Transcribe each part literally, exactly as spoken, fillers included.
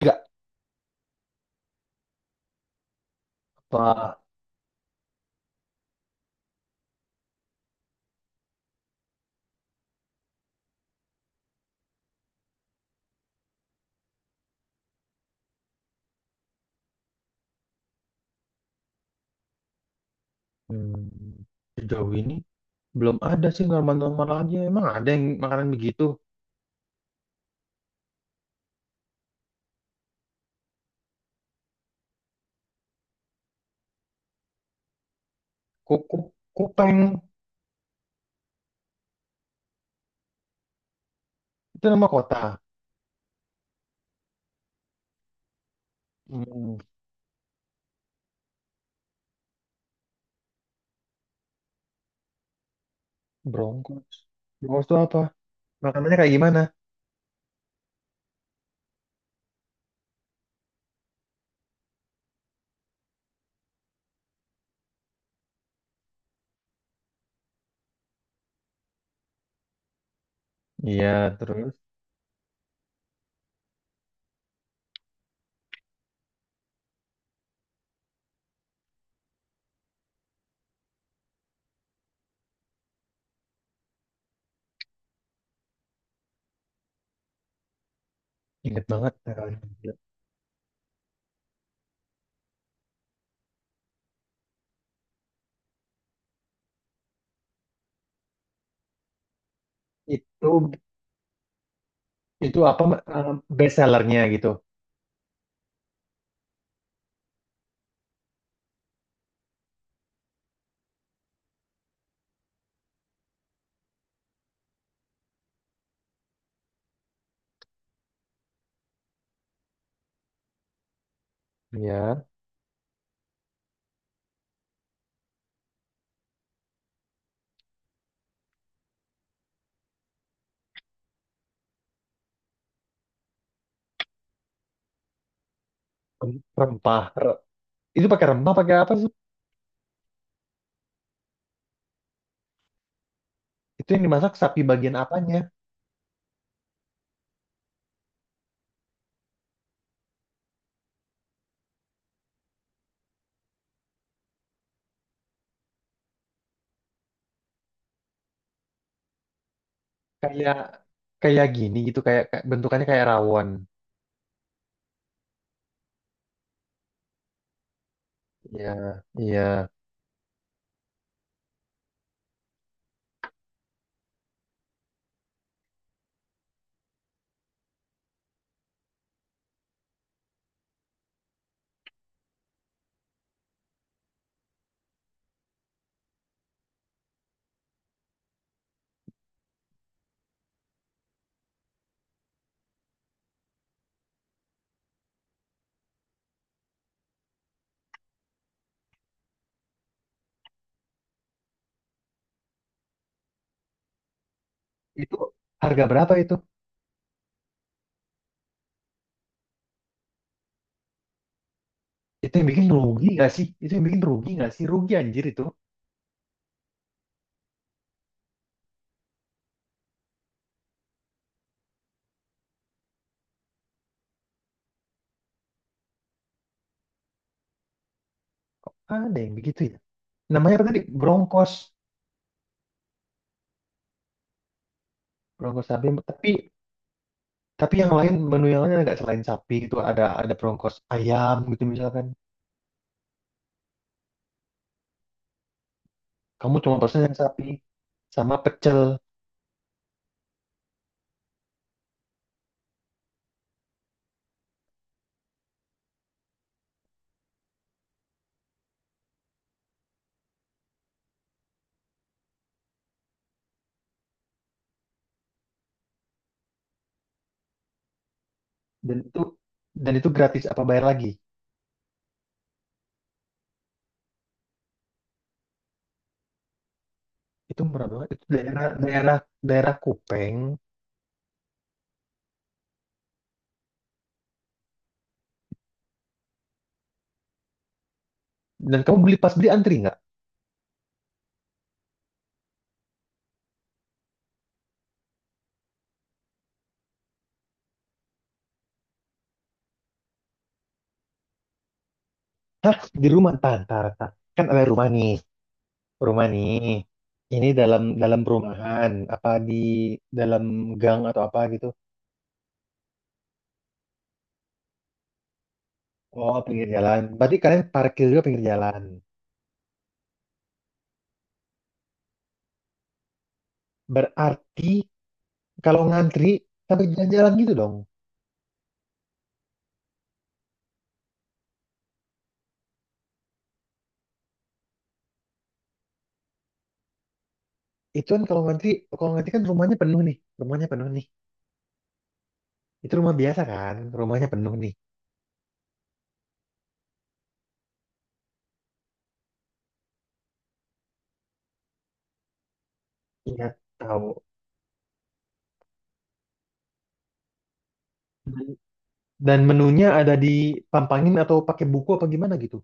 Enggak, Pak. Hmm, Sejauh ini belum ada sih, normal-normal aja. Emang ada yang makanan begitu? Kuku, kupeng, itu nama kota. Hmm, Broncos. Broncos itu apa? Makanannya kayak gimana? Iya, terus inget banget makanan. Itu itu apa eh, best sellernya gitu? Iya, rem- rempah. Re- Itu pakai rempah, pakai apa sih? Itu yang dimasak sapi bagian apanya? Kayak kayak gini gitu, kayak kayak- bentukannya kayak rawon. Iya, iya. Itu harga berapa itu? Itu yang bikin rugi nggak sih? Itu yang bikin rugi nggak sih? Rugi anjir itu. Ada yang begitu ya. Namanya apa tadi? Brongkos. Brongkos sapi. Tapi tapi yang lain, menu yang lain agak selain sapi gitu, ada ada brongkos ayam gitu misalkan. Kamu cuma pesen yang sapi sama pecel. Dan itu dan itu gratis apa bayar lagi? Itu murah banget. Itu daerah daerah daerah Kupeng. Dan kamu beli pas beli antri nggak? Hah? Di rumah? Ntar, ntar, ntar. Kan ada rumah nih. Rumah nih. Ini dalam dalam perumahan, apa di dalam gang atau apa gitu? Oh, pinggir jalan. Berarti kalian parkir juga pinggir jalan. Berarti kalau ngantri sampai jalan-jalan gitu dong. Itu kan kalau ngantri, kalau ngantri kan rumahnya penuh nih. Rumahnya penuh nih. Itu rumah biasa kan? Rumahnya penuh nih. Iya, tahu. Dan dan menunya ada di pampangin atau pakai buku apa gimana gitu.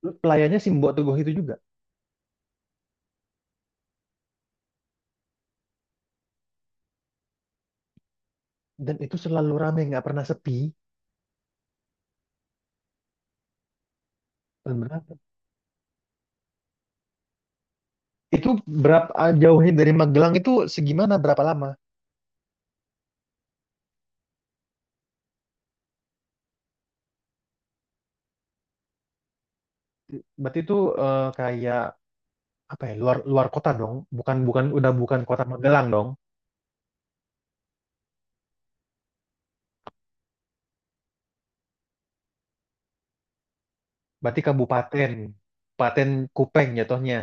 Terus pelayannya sih Mbok Teguh itu juga. Dan itu selalu rame, nggak pernah sepi. Benar? Itu berapa jauhnya dari Magelang itu segimana, berapa lama? Berarti itu eh, kayak apa ya, luar luar kota dong, bukan bukan udah bukan kota Magelang dong. Berarti kabupaten, Kabupaten Kupeng jatuhnya.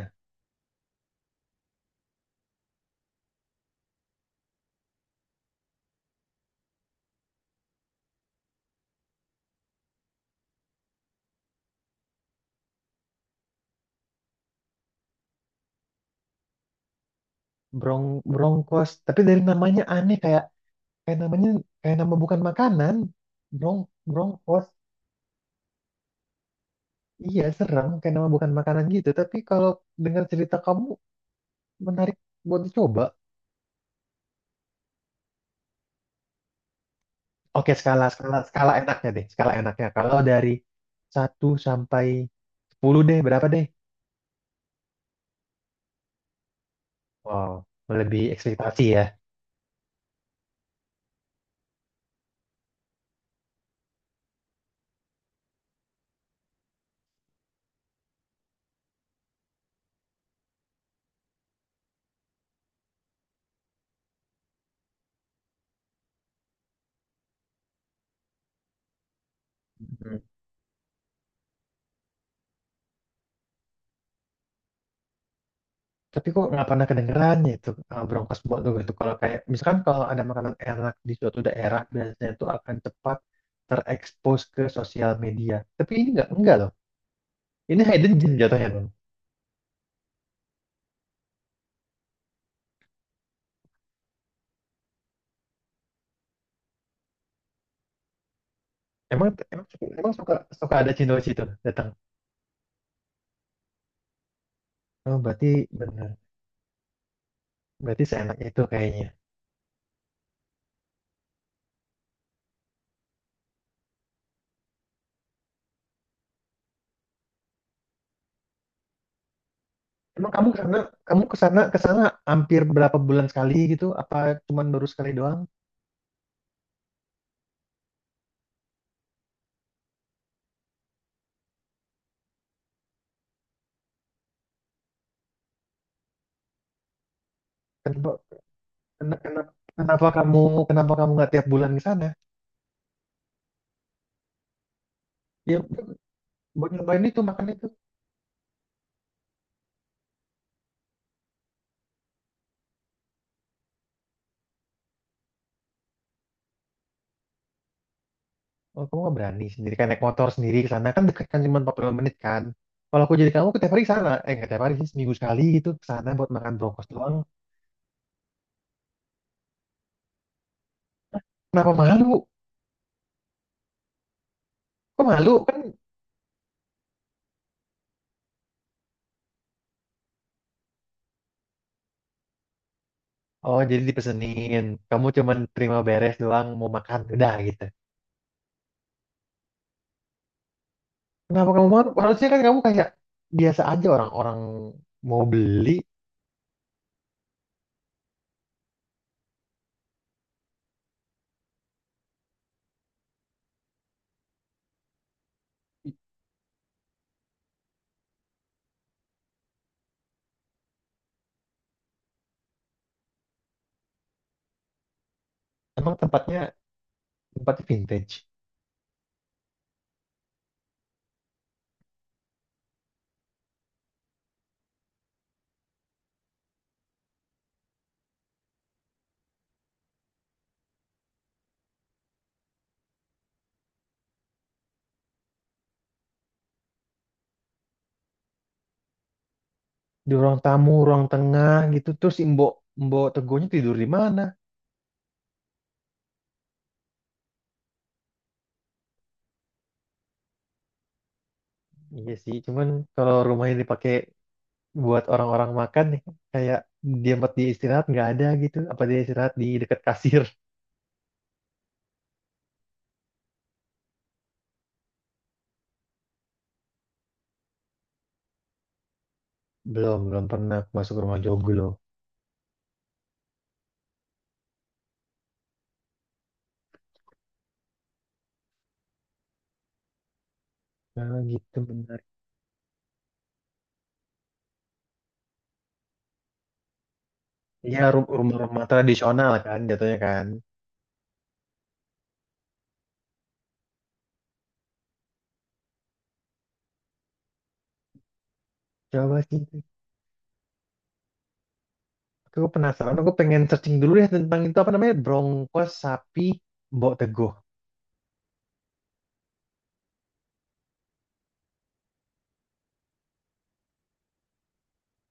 Brong Brongkos, tapi dari namanya aneh, kayak kayak namanya kayak nama bukan makanan. Brong Brongkos, iya serem, kayak nama bukan makanan gitu. Tapi kalau dengar cerita kamu, menarik buat dicoba. Oke, skala skala skala enaknya deh, skala enaknya. Kalau dari satu sampai sepuluh deh, berapa deh? Wow, lebih ekspektasi ya. Mhm. Tapi kok nggak pernah kedengeran ya itu, eh, Broncos buat tuh gitu. Kalau kayak misalkan kalau ada makanan enak di suatu daerah, biasanya itu akan cepat terekspos ke sosial media. Tapi ini nggak, enggak loh. Ini hidden gem jatuhnya, Bang. Emang emang suka- emang suka suka ada cindo di situ datang. Oh, berarti benar. Berarti seenak itu kayaknya. Emang kamu karena kamu ke sana, ke sana hampir berapa bulan sekali gitu? Apa cuman baru sekali doang? Kan Ken- ken- Kenapa kamu kenapa kamu nggak tiap bulan ke sana? Ya buat nyobain itu, makan itu. Oh, kamu nggak berani sendiri kan, naik motor sendiri ke sana, kan dekat kan, cuma empat puluh menit kan. Kalau aku jadi kamu, ke tiap hari ke sana, eh nggak tiap hari sih, seminggu sekali gitu ke sana buat makan brokos doang. Kenapa malu? Kok malu kan? Oh jadi dipesenin. Kamu cuman terima beres doang, mau makan udah gitu. Kenapa kamu malu? Harusnya kan kamu kayak biasa aja, orang-orang mau beli. Emang tempatnya tempatnya vintage. Di ruang tamu, ruang tengah gitu. Terus si Mbok Mbok Tegonya tidur di mana? Iya sih, cuman kalau rumahnya dipakai buat orang-orang makan nih, kayak dia tempat dia istirahat nggak ada gitu. Apa dia istirahat di dekat kasir? Belum, belum pernah aku masuk ke rumah joglo. Nah, gitu benar. Iya, ru- rumah-rumah tradisional kan jatuhnya kan. Coba sih. Aku penasaran, aku pengen searching dulu ya tentang itu, apa namanya? Brongkos sapi Mbok Tego.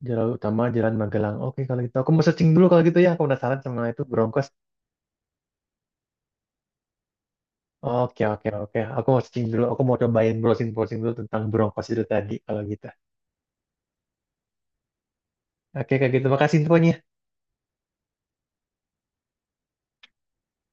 Jalan utama, Jalan Magelang. Oke kalau gitu aku mau searching dulu kalau gitu ya. Aku penasaran sama itu Broncos. Oke, oke, oke. Aku mau searching dulu. Aku mau cobain browsing browsing dulu tentang Broncos itu tadi kalau gitu. Oke kayak gitu. Makasih infonya.